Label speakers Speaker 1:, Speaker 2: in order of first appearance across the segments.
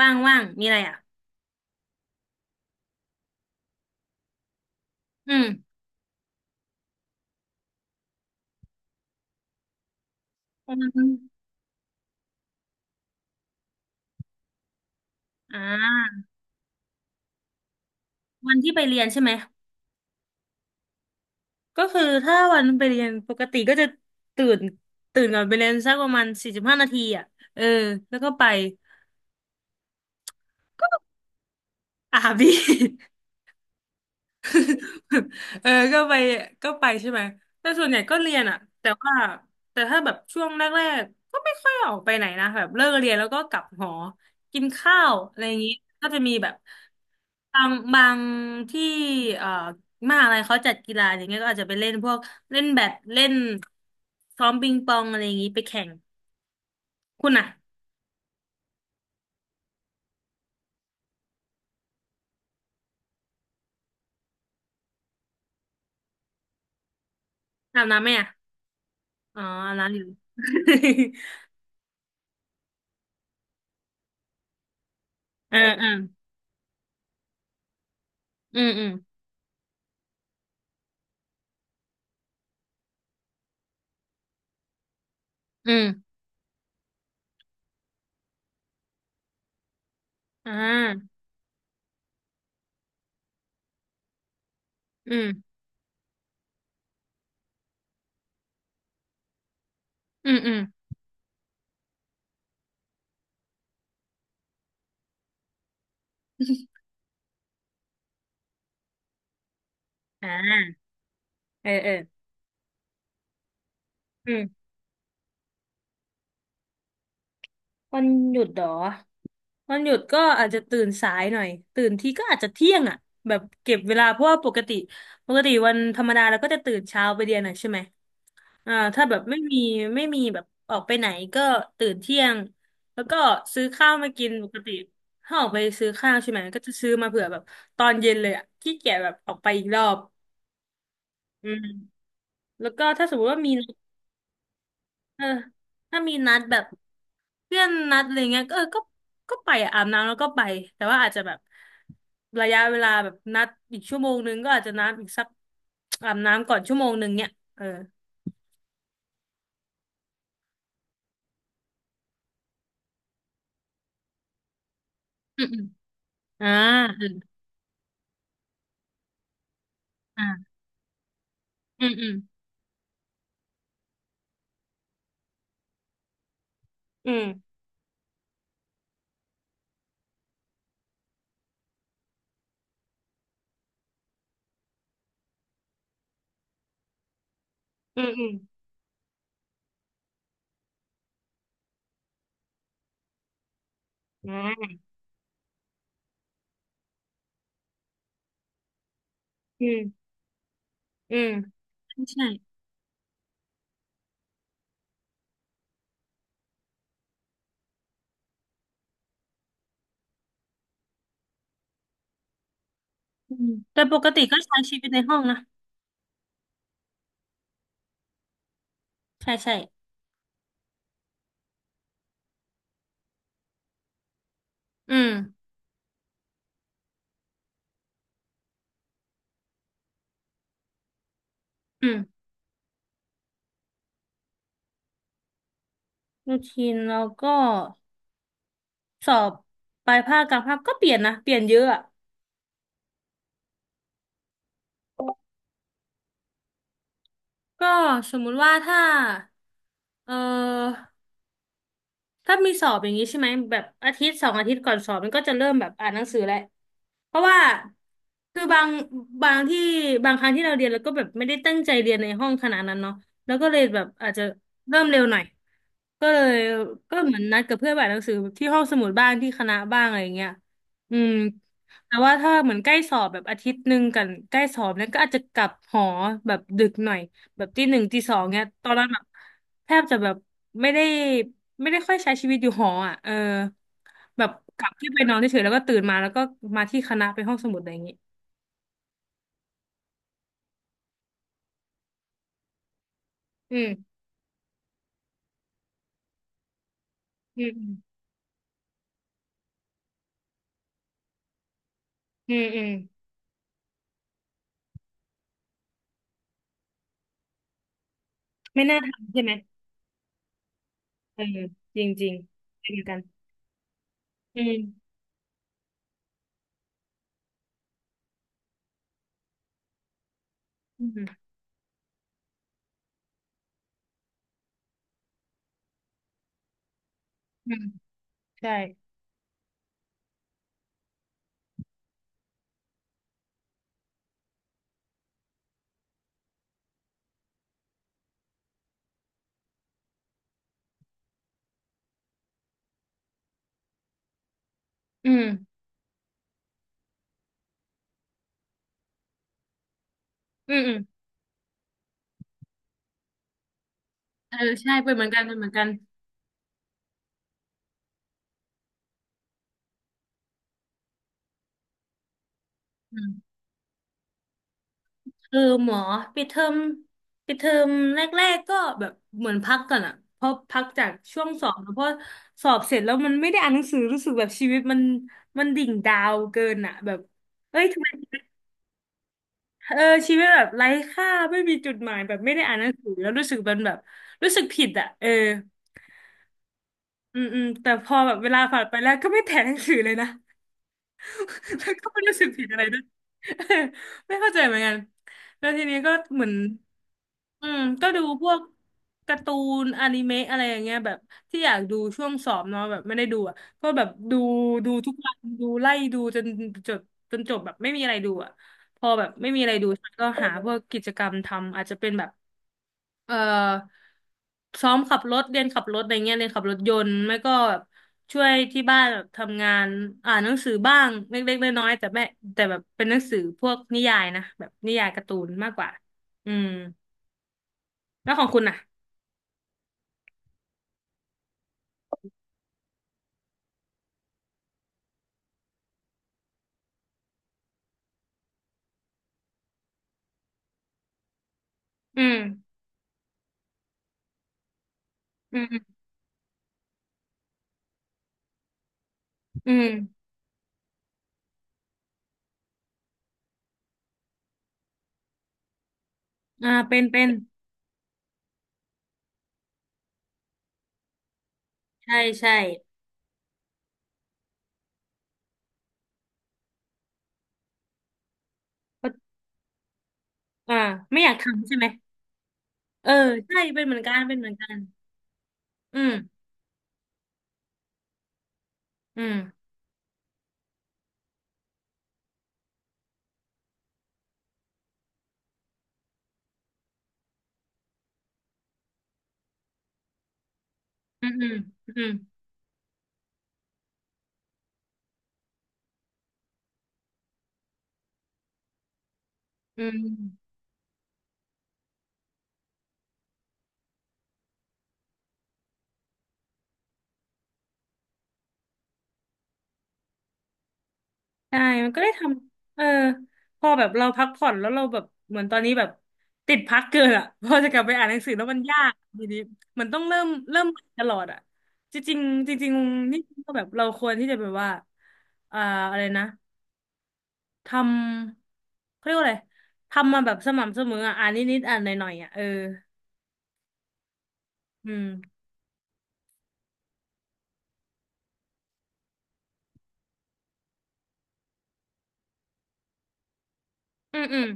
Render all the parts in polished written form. Speaker 1: ว่างว่างมีอะไรอ่ะ อืมวันอ่าวันที่ไปเรียนใช่ไหม ก็คือถ้าวันไปเรียนปกติก็จะตื่นตื่นก่อนไปเรียนสักประมาณ45 นาทีอ่ะ เออ แล้วก็ไปอาบดี เออก็ไปใช่ไหมแต่ส่วนใหญ่ก็เรียนอะแต่ถ้าแบบช่วงแรกๆก็ไม่ค่อยออกไปไหนนะแบบเลิกเรียนแล้วก็กลับหอกินข้าวอะไรอย่างนี้ก็จะมีแบบบางที่เอ่อมหาอะไรเขาจัดกีฬาอย่างเงี้ยก็อาจจะไปเล่นพวกเล่นแบดเล่นซ้อมปิงปองอะไรอย่างนี้ไปแข่งคุณอะอาบน้ำไหมอะอ๋ออาบน้ำอยู่ เออเอออืมอืมอืมอ่าอืมอืมอืม อ่าเออเอออืมวันหยุดเหรอวันหยุดก็อาจจะตื่นสายหน่อยตื่นทีก็อาจจะเที่ยงอ่ะแบบเก็บเวลาเพราะว่าปกติวันธรรมดาเราก็จะตื่นเช้าไปเรียนอ่ะใช่ไหมถ้าแบบไม่มีแบบออกไปไหนก็ตื่นเที่ยงแล้วก็ซื้อข้าวมากินปกติถ้าออกไปซื้อข้าวใช่ไหมก็จะซื้อมาเผื่อแบบตอนเย็นเลยอ่ะขี้เกียจแบบออกไปอีกรอบอืมแล้วก็ถ้าสมมติว่ามี เออถ้ามีนัดแบบเพื่อนนัดอะไรเงี้ยก็เออก็ก็ไปอะอาบน้ำแล้วก็ไปแต่ว่าอาจจะแบบระยะเวลาแบบนัดอีกชั่วโมงนึงก็อาจจะนัดอีกสักอาบน้ำก่อนชั่วโมงนึงเนี่ยเอออืมอืมอ่าอืมอ่าอืมอืมอืมอืมอืมอ่าอืมอืมใช่อืมแต่ปกติก็ใช้ชีวิตในห้องนะใช่ใช่อืมอืมรูทีนแล้วก็สอบปลายภาคกลางภาคก็เปลี่ยนนะเปลี่ยนเยอะอะ ก็สมมุติว่าถ้าเออ ถ้ามีสอบอย่างนี้ใช่ไหมแบบอาทิตย์2 อาทิตย์ก่อนสอบมันก็จะเริ่มแบบอ่านหนังสือแหละเพราะว่าคือบางที่บางครั้งที่เราเรียนแล้วก็แบบไม่ได้ตั้งใจเรียนในห้องขนาดนั้นเนาะแล้วก็เลยแบบอาจจะเริ่มเร็วหน่อยก็เลยก็เหมือนนัดกับเพื่อนไปอ่านหนังสือที่ห้องสมุดบ้างที่คณะบ้างอะไรอย่างเงี้ยอืมแต่ว่าถ้าเหมือนใกล้สอบแบบอาทิตย์หนึ่งกันใกล้สอบเนี่ยก็อาจจะกลับหอแบบดึกหน่อยแบบตีหนึ่งตีสองเนี่ยตอนนั้นแบบแทบจะแบบไม่ได้ ไม่ได้ค่อยใช้ชีวิตอยู่หออ่ะเออแบบกลับที่ไปนอนเฉยๆแล้วก็ตื่นมาแล้วก็มาที่คณะไปห้องสมุดอะไรอย่างงี้อืมอืมอืมอืม ไม่น่าทำใช่ไหมเออจริงจริงเป็นเหมือนกันอืมอืมอืมใช่อืมอืมอืมเออใช่เป็นเหมือนกันเป็นเหมือนกันอืม เออหมอปิดเทอมปิดเทอมแรกๆก็แบบเหมือนพักก่อนอะเพราะพักจากช่วงสอบแล้วเพราะสอบเสร็จแล้วมันไม่ได้อ่านหนังสือรู้สึกแบบชีวิตมันดิ่งดาวเกินอะแบบเอ้ยทำไมเออชีวิตแบบไร้ค่าไม่มีจุดหมายแบบไม่ได้อ่านหนังสือแล้วรู้สึกมันแบบรู้สึกผิดอะเอออืมอืมแต่พอแบบเวลาผ่านไปแล้วก็ไม่แถหนังสือเลยนะ แล้วก็ไม่รู้สึกผิดอะไรด้วย เออไม่เข้าใจเหมือนกัน แล้วทีนี้ก็เหมือนอืมก็ดูพวกการ์ตูนอนิเมะอะไรอย่างเงี้ยแบบที่อยากดูช่วงสอบเนาะแบบไม่ได้ดูอ่ะก็แบบดูทุกวันดูไล่ดูจนจบจบแบบไม่มีอะไรดูอ่ะพอแบบไม่มีอะไรดูฉันก็หาพวกกิจกรรมทำอาจจะเป็นแบบ เอ่อซ้อมขับรถเรียนขับรถอะไรเงี้ยเรียนขับรถยนต์ไม่ก็แบบช่วยที่บ้านแบบทำงานอ่านหนังสือบ้างเล็กๆน้อยๆแต่แม่แต่แบบเป็นหนังสือพวกนิยายนะแบบนิยายการ์ตูนมากกว่าอืมแล้วของคุณอ่ะอืมอืมอืมอ่าเป็นเป็นใช่ใช่ก็อ่าไม่อยากทำใช่ไหมเออใช่เป็นเหมือนกันเป็นเหมือนกันอืมอืมอืมอืมอืมอืม ใช่มันก็ได้ทำเออพอแบบเราพักผ่อนแล้วเราแบบเหมือนตอนนี้แบบติดพักเกินอ่ะ พอจะกลับไปอ่านหนังสือแล้วมันยากทีนี้มันต้องเริ่มใหม่ตลอดอ่ะ จริงๆจริงๆนี่ก็แบบเราควรที่จะแบบว่าอ่าอะไรนะทำเขาเรียกว่าอะไร ทำมาแบบสม่ำเสมออ่ะอ่านนิดๆอ่านหน่อยๆอ่ะ เอออืมอืมอืม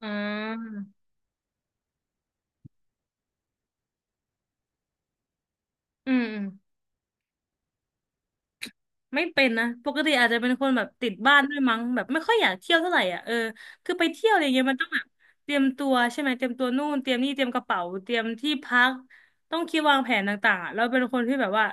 Speaker 1: อ๋ออืมอืม ไม่เป็นนะปกติอาจจะเป็นคนแบบติดบ้านด้วยมั้งแบบไม่ค่อยอยากเที่ยวเท่าไหร่อ่ะเออคือไปเที่ยวอะไรเงี้ยมันต้องแบบเตรียมตัวใช่ไหมเตรียมตัวนู่นเตรียมนี่เตรียมกระเป๋าเตรียมที่พักต้องคิดวางแผนต่างๆอ่ะเราเป็นคนที่แบบว่า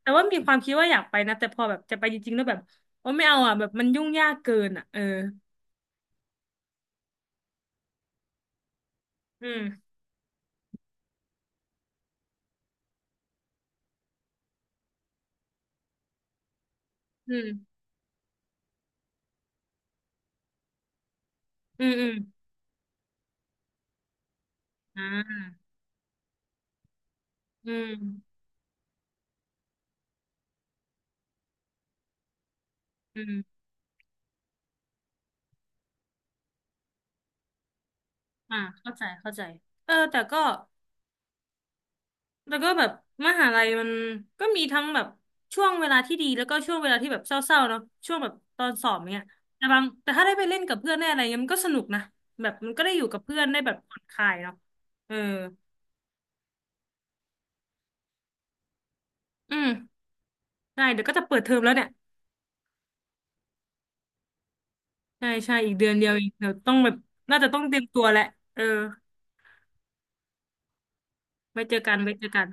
Speaker 1: แต่ว่ามีความคิดว่าอยากไปนะแต่พอแบบจะไปจริงๆแล้วแบบโอ้ไม่เอาอ่ะแบบมันยุ่งยากเกินอ่ะเอออืมอืมอืมอืมอ่าอืมอืมอ่าเข้าใจเข้าใจเออแต่ก็ แล้วก็แบบมหาลัยมันก็มีทั้งแบบช่วงเวลาที่ดีแล้วก็ช่วงเวลาที่แบบเศร้าๆเนาะช่วงแบบตอนสอบเนี้ยแต่บางแต่ถ้าได้ไปเล่นกับเพื่อนได้อะไรเงี้ยมันก็สนุกนะแบบมันก็ได้อยู่กับเพื่อนได้แบบผ่อนคลายเนาะเอออืมได้เดี๋ยวก็จะเปิดเทอมแล้วเนี่ยใช่ใช่อีกเดือนเดียวเองเดี๋ยวต้องแบบน่าจะต้องเตรียมตัวแหละเออไว้เจอกันไว้เจอกัน